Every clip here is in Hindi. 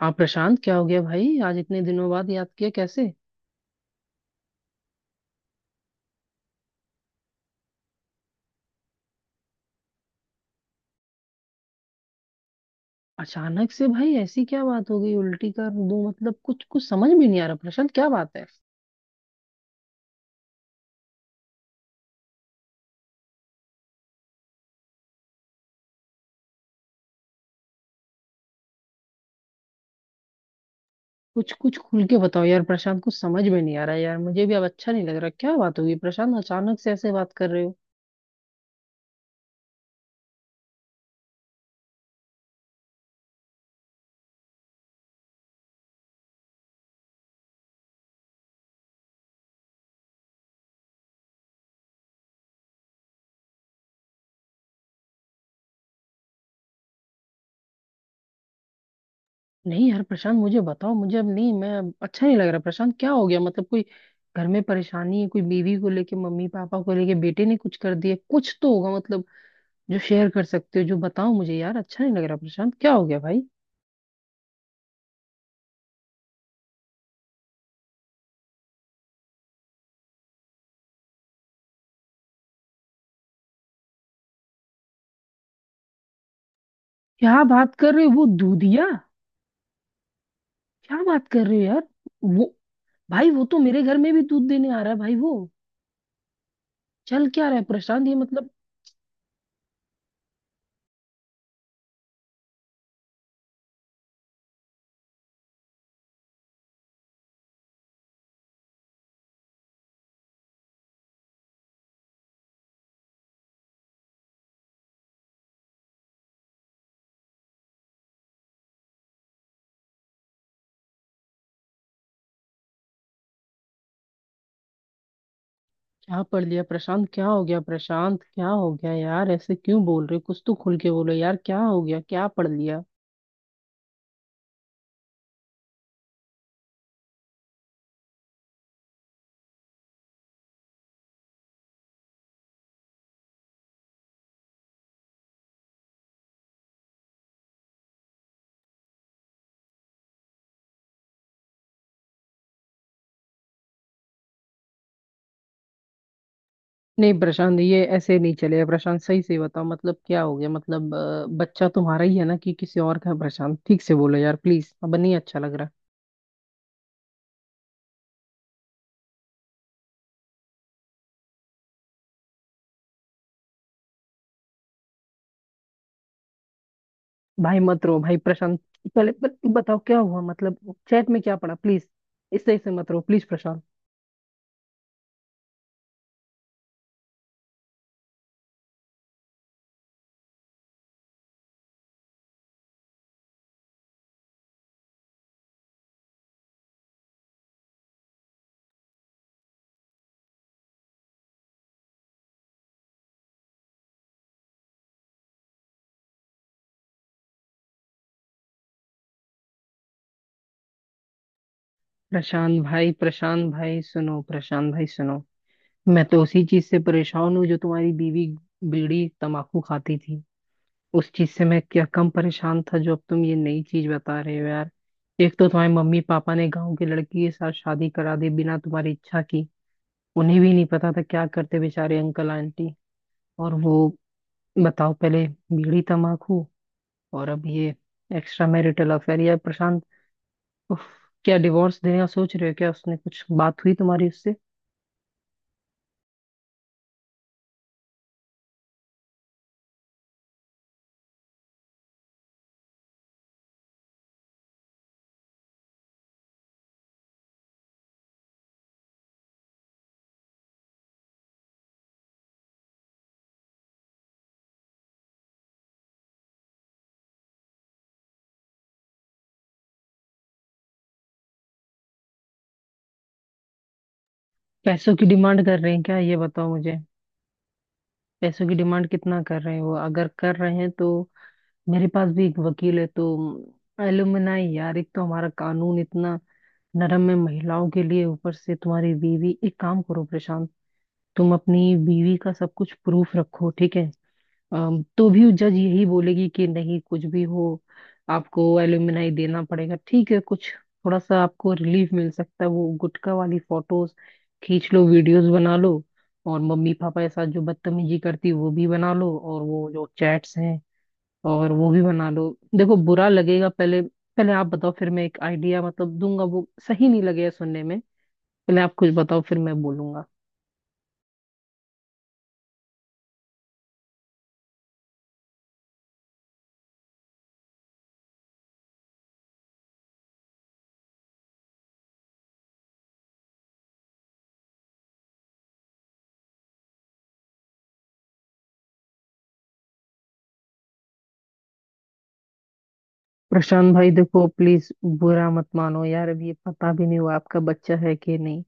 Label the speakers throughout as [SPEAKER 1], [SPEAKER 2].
[SPEAKER 1] हाँ प्रशांत, क्या हो गया भाई? आज इतने दिनों बाद याद किया, कैसे? अचानक से भाई ऐसी क्या बात हो गई? उल्टी कर दूं, मतलब कुछ कुछ समझ में नहीं आ रहा। प्रशांत क्या बात है? कुछ कुछ खुल के बताओ यार प्रशांत, कुछ समझ में नहीं आ रहा। यार मुझे भी अब अच्छा नहीं लग रहा। क्या बात होगी प्रशांत? अचानक से ऐसे बात कर रहे हो। नहीं यार प्रशांत, मुझे बताओ, मुझे अब नहीं, मैं अब अच्छा नहीं लग रहा। प्रशांत क्या हो गया? मतलब कोई घर में परेशानी है? कोई बीवी को लेके, मम्मी पापा को लेके, बेटे ने कुछ कर दिया, कुछ तो होगा मतलब। जो शेयर कर सकते हो, जो बताओ मुझे यार, अच्छा नहीं लग रहा। प्रशांत क्या हो गया भाई? क्या बात कर रहे हो? वो दूधिया? क्या बात कर रहे हो यार? वो, भाई वो तो मेरे घर में भी दूध देने आ रहा है भाई। वो चल क्या रहा है प्रशांत? ये मतलब। क्या पढ़ लिया प्रशांत? क्या हो गया प्रशांत? क्या हो गया यार, ऐसे क्यों बोल रहे हो? कुछ तो खुल के बोलो यार, क्या हो गया? क्या पढ़ लिया? नहीं प्रशांत ये ऐसे नहीं चलेगा। प्रशांत सही से बताओ मतलब क्या हो गया। मतलब बच्चा तुम्हारा ही है ना कि किसी और का है? प्रशांत ठीक से बोलो यार प्लीज, अब नहीं अच्छा लग रहा। भाई मत रो भाई प्रशांत। पहले बताओ क्या हुआ, मतलब चैट में क्या पड़ा प्लीज। इससे इससे मत रो प्लीज प्रशांत। प्रशांत भाई, प्रशांत भाई सुनो, प्रशांत भाई सुनो। मैं तो उसी चीज से परेशान हूँ जो तुम्हारी बीवी बीड़ी तंबाकू खाती थी। उस चीज से मैं क्या कम परेशान था जो अब तुम ये नई चीज बता रहे हो यार। एक तो तुम्हारे मम्मी पापा ने गांव की लड़की के साथ शादी करा दी बिना तुम्हारी इच्छा की। उन्हें भी नहीं पता था क्या करते बेचारे अंकल आंटी। और वो, बताओ पहले, बीड़ी तंबाकू और अब ये एक्स्ट्रा मैरिटल अफेयर, या प्रशांत! उफ, क्या डिवोर्स देने का सोच रहे हो? क्या उसने कुछ बात हुई तुम्हारी उससे? पैसों की डिमांड कर रहे हैं क्या? ये बताओ मुझे। पैसों की डिमांड कितना कर रहे हैं? वो अगर कर रहे हैं तो मेरे पास भी एक वकील है, तो एलुमनाई यार। एक तो हमारा कानून इतना नरम है महिलाओं के लिए, ऊपर से तुम्हारी बीवी। एक काम करो प्रशांत, तुम अपनी बीवी का सब कुछ प्रूफ रखो ठीक है। तो भी जज यही बोलेगी कि नहीं, कुछ भी हो आपको एल्यूमिनाई देना पड़ेगा, ठीक है। कुछ थोड़ा सा आपको रिलीफ मिल सकता है। वो गुटखा वाली फोटोज खींच लो, वीडियोस बना लो, और मम्मी पापा के साथ जो बदतमीजी करती है, वो भी बना लो, और वो जो चैट्स हैं और वो भी बना लो। देखो बुरा लगेगा, पहले पहले आप बताओ फिर मैं एक आइडिया मतलब दूंगा, वो सही नहीं लगेगा सुनने में। पहले आप कुछ बताओ फिर मैं बोलूंगा। प्रशांत भाई देखो, प्लीज बुरा मत मानो यार, अब ये पता भी नहीं हुआ आपका बच्चा है कि नहीं।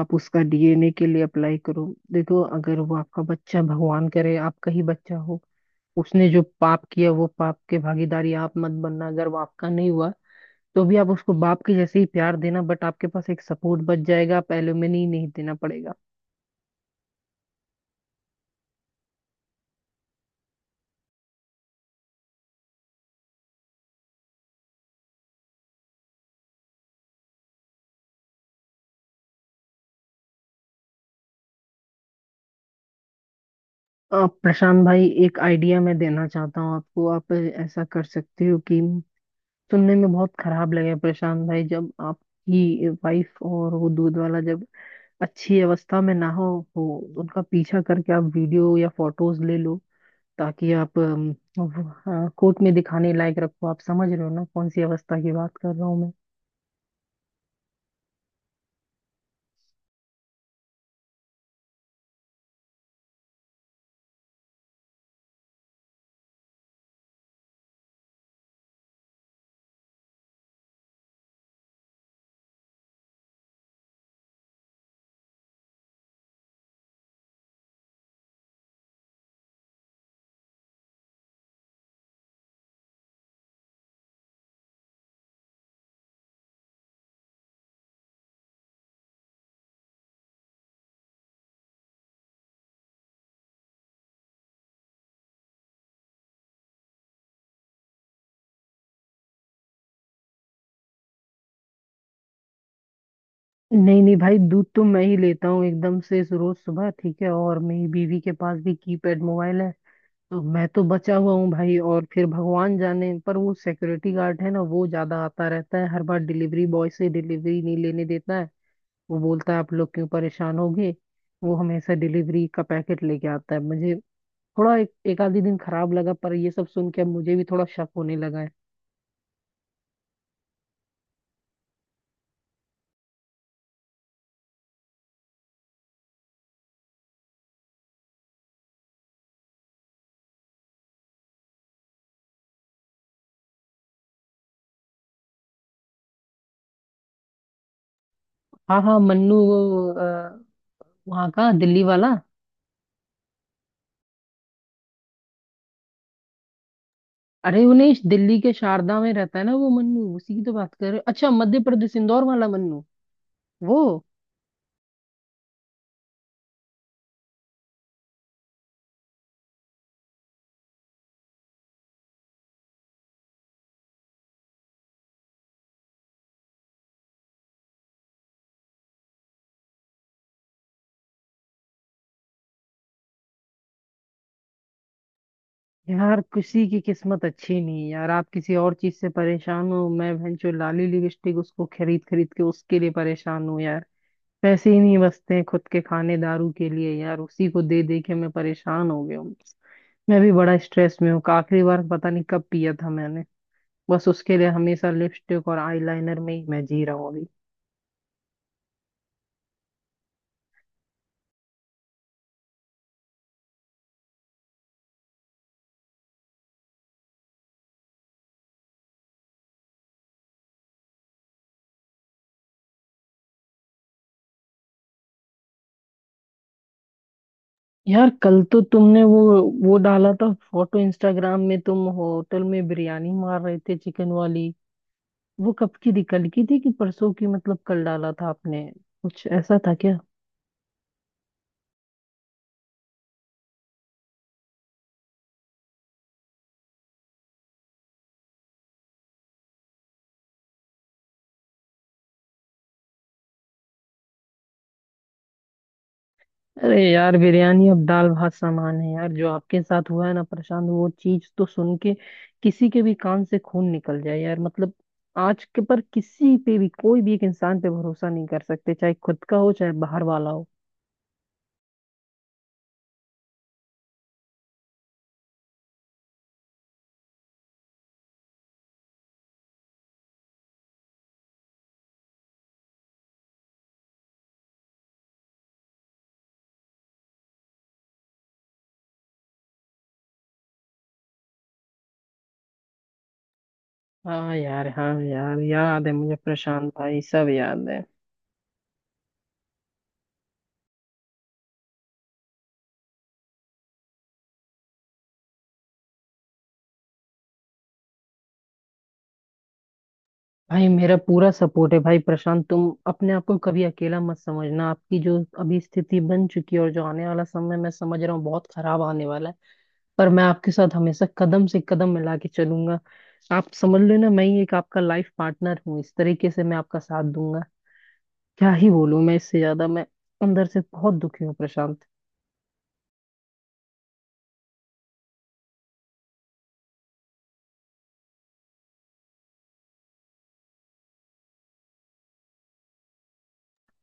[SPEAKER 1] आप उसका डीएनए के लिए अप्लाई करो। देखो अगर वो आपका बच्चा, भगवान करे आपका ही बच्चा हो। उसने जो पाप किया वो पाप के भागीदारी आप मत बनना। अगर वो आपका नहीं हुआ तो भी आप उसको बाप के जैसे ही प्यार देना, बट आपके पास एक सपोर्ट बच जाएगा, आप एलुमनी नहीं देना पड़ेगा। आप प्रशांत भाई, एक आइडिया मैं देना चाहता हूँ आपको, आप ऐसा कर सकते हो कि, सुनने में बहुत खराब लगे प्रशांत भाई, जब आपकी वाइफ और वो दूध वाला जब अच्छी अवस्था में ना हो, उनका पीछा करके आप वीडियो या फोटोज ले लो, ताकि आप कोर्ट में दिखाने लायक रखो। आप समझ रहे हो ना कौन सी अवस्था की बात कर रहा हूँ मैं। नहीं नहीं भाई, दूध तो मैं ही लेता हूँ एकदम से रोज सुबह ठीक है, और मेरी बीवी के पास भी कीपैड मोबाइल है। तो मैं तो बचा हुआ हूँ भाई। और फिर भगवान जाने, पर वो सिक्योरिटी गार्ड है ना, वो ज्यादा आता रहता है, हर बार डिलीवरी बॉय से डिलीवरी नहीं लेने देता है। वो बोलता है आप लोग क्यों परेशान होगे। वो हमेशा डिलीवरी का पैकेट लेके आता है मुझे। थोड़ा एक आधी दिन खराब लगा, पर ये सब सुन के अब मुझे भी थोड़ा शक होने लगा है। हाँ हाँ मन्नू, वो वहाँ का दिल्ली वाला। अरे वो नहीं, दिल्ली के शारदा में रहता है ना वो मन्नू, उसी की तो बात कर रहे हो। अच्छा मध्य प्रदेश इंदौर वाला मन्नू, वो, यार किसी की किस्मत अच्छी नहीं है यार। आप किसी और चीज से परेशान हो, मैं भैंचो लाली लिपस्टिक उसको खरीद खरीद के उसके लिए परेशान हूँ यार। पैसे ही नहीं बचते हैं खुद के खाने दारू के लिए, यार उसी को दे दे के मैं परेशान हो गया हूँ। मैं भी बड़ा स्ट्रेस में हूँ, आखिरी बार पता नहीं कब पिया था मैंने। बस उसके लिए हमेशा लिपस्टिक और आईलाइनर में ही मैं जी रहा हूँ अभी। यार कल तो तुमने वो डाला था फोटो इंस्टाग्राम में, तुम होटल में बिरयानी मार रहे थे चिकन वाली। वो कब की थी, कल की थी कि परसों की? मतलब कल डाला था आपने? कुछ ऐसा था क्या? अरे यार बिरयानी अब दाल भात सामान है यार, जो आपके साथ हुआ है ना प्रशांत वो चीज तो सुन के किसी के भी कान से खून निकल जाए यार, मतलब। आज के पर किसी पे भी कोई भी एक इंसान पे भरोसा नहीं कर सकते, चाहे खुद का हो चाहे बाहर वाला हो। हाँ यार हाँ यार, याद है मुझे प्रशांत भाई, सब याद है। भाई मेरा पूरा सपोर्ट है भाई प्रशांत, तुम अपने आप को कभी अकेला मत समझना। आपकी जो अभी स्थिति बन चुकी है और जो आने वाला समय मैं समझ रहा हूँ बहुत खराब आने वाला है, पर मैं आपके साथ हमेशा कदम से कदम मिला के चलूंगा। आप समझ लो ना मैं ही एक आपका लाइफ पार्टनर हूँ, इस तरीके से मैं आपका साथ दूंगा। क्या ही बोलूं मैं इससे ज्यादा, मैं अंदर से बहुत दुखी हूँ प्रशांत।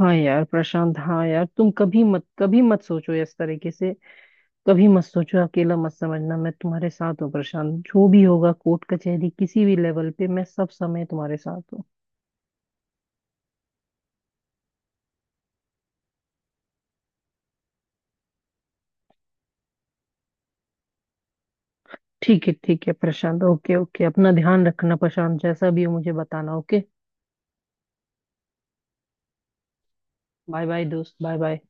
[SPEAKER 1] हाँ यार प्रशांत हाँ यार, तुम कभी मत, कभी मत सोचो इस तरीके से। कभी मत सोचो, अकेला मत समझना, मैं तुम्हारे साथ हूँ प्रशांत। जो भी होगा कोर्ट कचहरी किसी भी लेवल पे मैं सब समय तुम्हारे साथ हूँ। ठीक है प्रशांत, ओके ओके, अपना ध्यान रखना प्रशांत, जैसा भी हो मुझे बताना, ओके। बाय बाय दोस्त, बाय बाय।